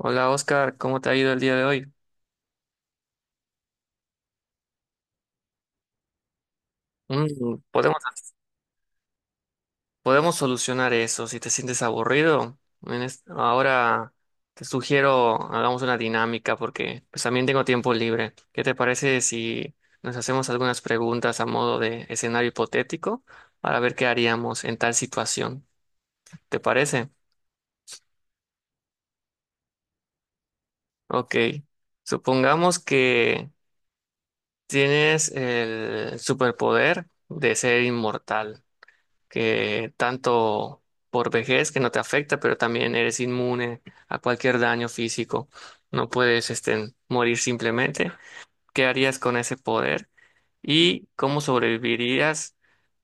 Hola Oscar, ¿cómo te ha ido el día de hoy? Mm, podemos, podemos solucionar eso. Si te sientes aburrido, ahora te sugiero hagamos una dinámica porque pues también tengo tiempo libre. ¿Qué te parece si nos hacemos algunas preguntas a modo de escenario hipotético para ver qué haríamos en tal situación? ¿Te parece? Ok. Supongamos que tienes el superpoder de ser inmortal. Que tanto por vejez que no te afecta, pero también eres inmune a cualquier daño físico. No puedes morir simplemente. ¿Qué harías con ese poder? ¿Y cómo sobrevivirías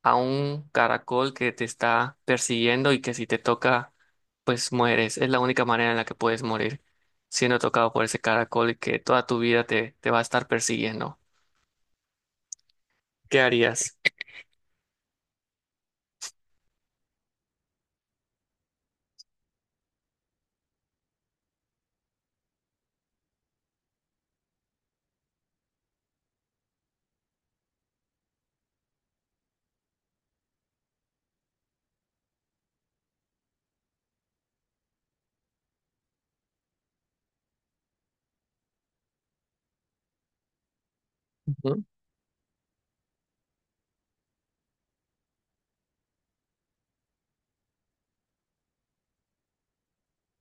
a un caracol que te está persiguiendo y que si te toca, pues mueres? Es la única manera en la que puedes morir, siendo tocado por ese caracol y que toda tu vida te va a estar persiguiendo. ¿Qué harías? Ujú,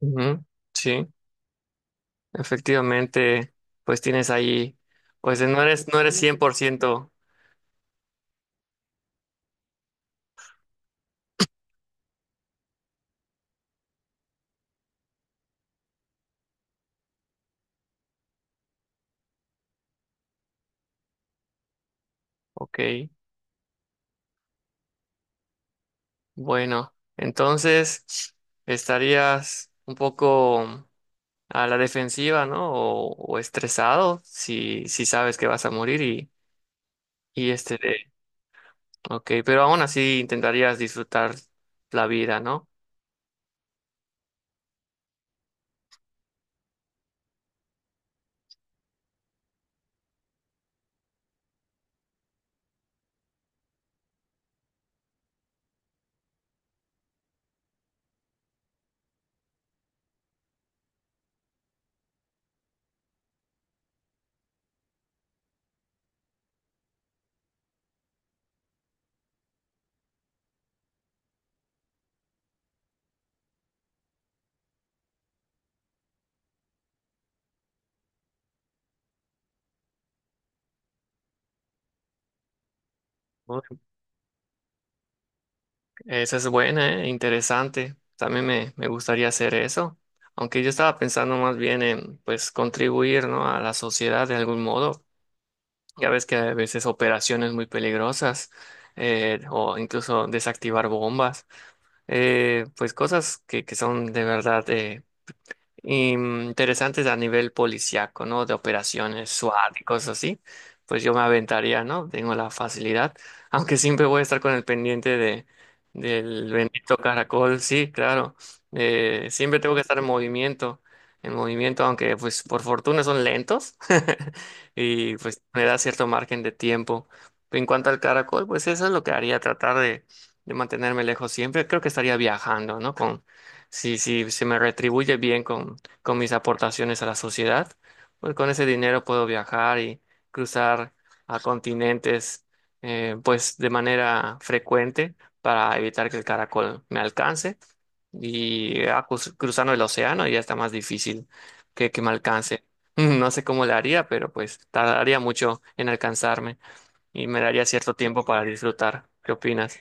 ujú, sí. Efectivamente, pues tienes ahí, pues no eres cien por ciento ok, bueno, entonces estarías un poco a la defensiva, ¿no? O estresado si sabes que vas a morir y, y este de, ok, pero aún así intentarías disfrutar la vida, ¿no? Uy, esa es buena, ¿eh? Interesante, también me gustaría hacer eso, aunque yo estaba pensando más bien en, pues, contribuir, ¿no? A la sociedad de algún modo. Ya ves que a veces operaciones muy peligrosas, o incluso desactivar bombas, pues cosas que son de verdad interesantes a nivel policiaco, ¿no? De operaciones SWAT y cosas así, pues yo me aventaría, ¿no? Tengo la facilidad, aunque siempre voy a estar con el pendiente de, del bendito caracol, sí, claro. Siempre tengo que estar en movimiento, aunque pues por fortuna son lentos y pues me da cierto margen de tiempo. En cuanto al caracol, pues eso es lo que haría, tratar de mantenerme lejos siempre. Creo que estaría viajando, ¿no? Si si, se me retribuye bien con mis aportaciones a la sociedad, pues con ese dinero puedo viajar y cruzar a continentes, pues de manera frecuente para evitar que el caracol me alcance. Y cruzando el océano ya está más difícil que me alcance. No sé cómo le haría, pero pues tardaría mucho en alcanzarme y me daría cierto tiempo para disfrutar. ¿Qué opinas?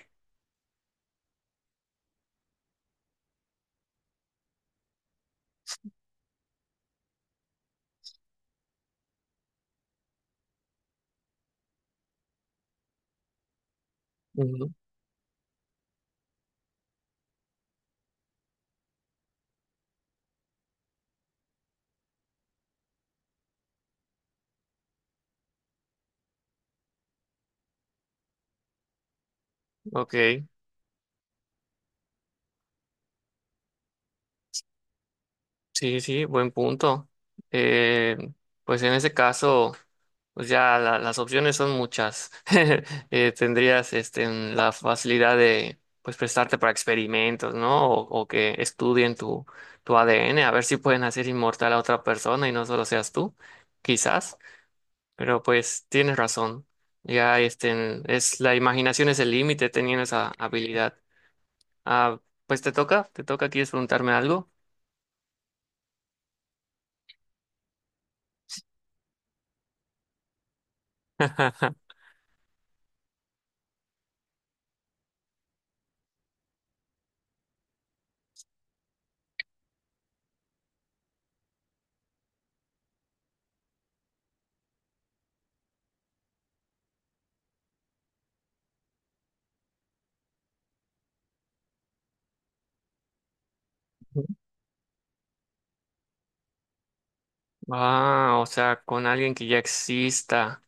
Ujú. Ok. Sí, sí, buen punto. Eh, pues en ese caso, pues ya las opciones son muchas. Tendrías en la facilidad de pues prestarte para experimentos, ¿no? O que estudien tu, tu ADN, a ver si pueden hacer inmortal a otra persona y no solo seas tú, quizás. Pero pues tienes razón. Ya es la imaginación es el límite teniendo esa habilidad. Ah, pues te toca, ¿quieres preguntarme algo? Ah, o sea, con alguien que ya exista.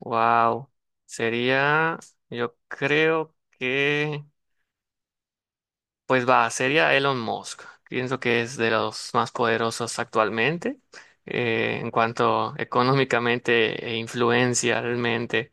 Wow. Sería, yo creo que, pues va, sería Elon Musk. Pienso que es de los más poderosos actualmente, en cuanto económicamente e influencialmente.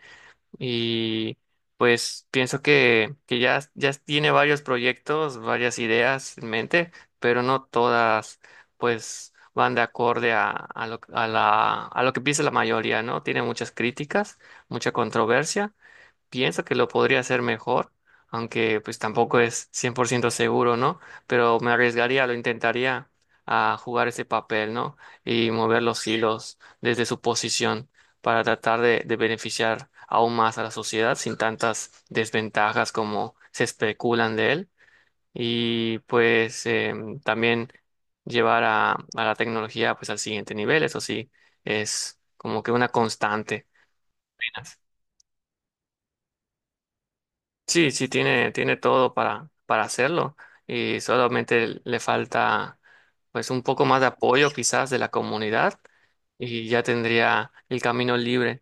Y pues pienso que ya, ya tiene varios proyectos, varias ideas en mente, pero no todas pues van de acorde a lo que piensa la mayoría, ¿no? Tiene muchas críticas, mucha controversia, pienso que lo podría hacer mejor, aunque pues tampoco es 100% seguro, ¿no? Pero me arriesgaría, lo intentaría a jugar ese papel, ¿no? Y mover los hilos desde su posición para tratar de beneficiar aún más a la sociedad sin tantas desventajas como se especulan de él. Y pues también llevar a la tecnología pues al siguiente nivel, eso sí, es como que una constante. Sí, sí, tiene, tiene todo para hacerlo y solamente le falta pues un poco más de apoyo quizás de la comunidad y ya tendría el camino libre.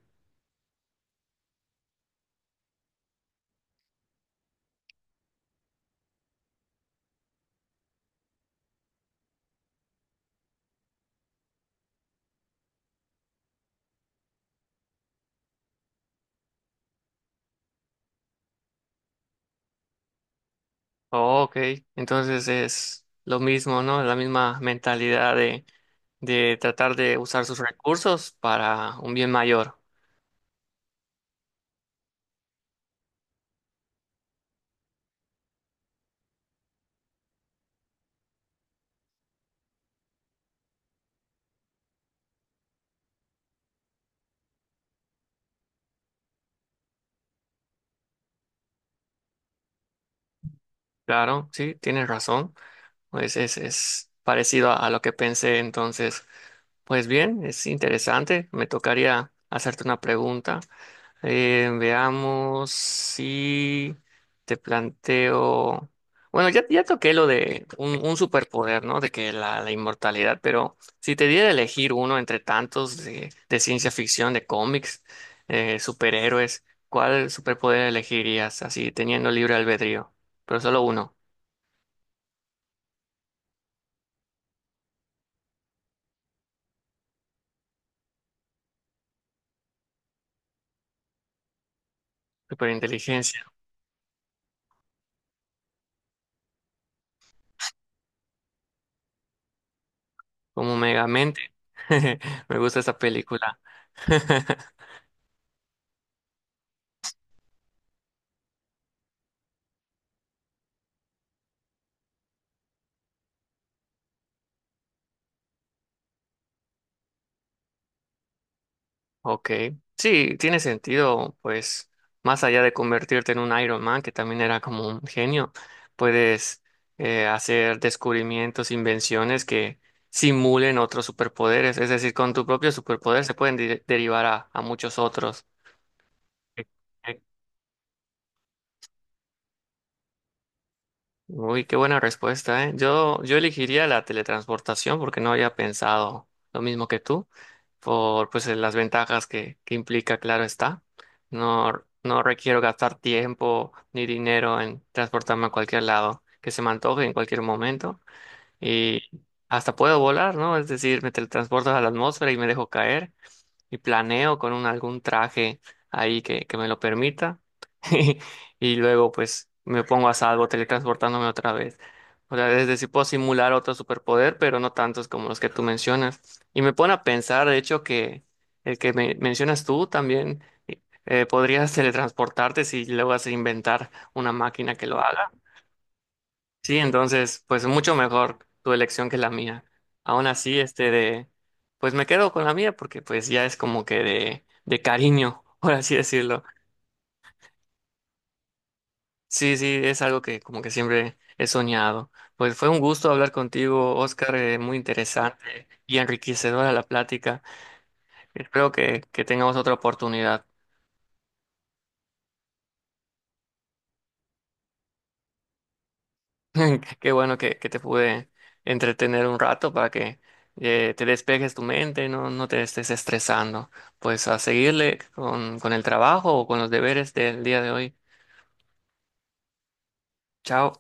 Oh, ok, entonces es lo mismo, ¿no? La misma mentalidad de tratar de usar sus recursos para un bien mayor. Claro, sí, tienes razón. Pues es parecido a lo que pensé entonces. Pues bien, es interesante. Me tocaría hacerte una pregunta. Veamos si te planteo. Bueno, ya, ya toqué lo de un superpoder, ¿no? De que la inmortalidad, pero si te diera a elegir uno entre tantos de ciencia ficción, de cómics, superhéroes, ¿cuál superpoder elegirías? Así, teniendo libre albedrío, pero solo uno. Superinteligencia, como Megamente. Me gusta esa película. Ok, sí, tiene sentido, pues más allá de convertirte en un Iron Man, que también era como un genio, puedes hacer descubrimientos, invenciones que simulen otros superpoderes, es decir, con tu propio superpoder se pueden derivar a muchos otros. Uy, qué buena respuesta, ¿eh? Yo elegiría la teletransportación porque no había pensado lo mismo que tú, por pues las ventajas que implica, claro está. No, no requiero gastar tiempo ni dinero en transportarme a cualquier lado que se me antoje en cualquier momento. Y hasta puedo volar, ¿no? Es decir, me teletransporto a la atmósfera y me dejo caer y planeo con un, algún traje ahí que me lo permita y luego pues me pongo a salvo teletransportándome otra vez. O sea, es decir, puedo simular otro superpoder, pero no tantos como los que tú mencionas. Y me pone a pensar, de hecho, que el que mencionas tú también, podrías teletransportarte si luego vas a inventar una máquina que lo haga. Sí, entonces, pues mucho mejor tu elección que la mía. Aún así, pues me quedo con la mía porque pues ya es como que de cariño, por así decirlo. Sí, sí, es algo que como que siempre he soñado. Pues fue un gusto hablar contigo, Oscar, muy interesante y enriquecedora la plática. Espero que tengamos otra oportunidad. Qué bueno que te pude entretener un rato para que te despejes tu mente, no, no te estés estresando. Pues a seguirle con el trabajo o con los deberes del día de hoy. Chao.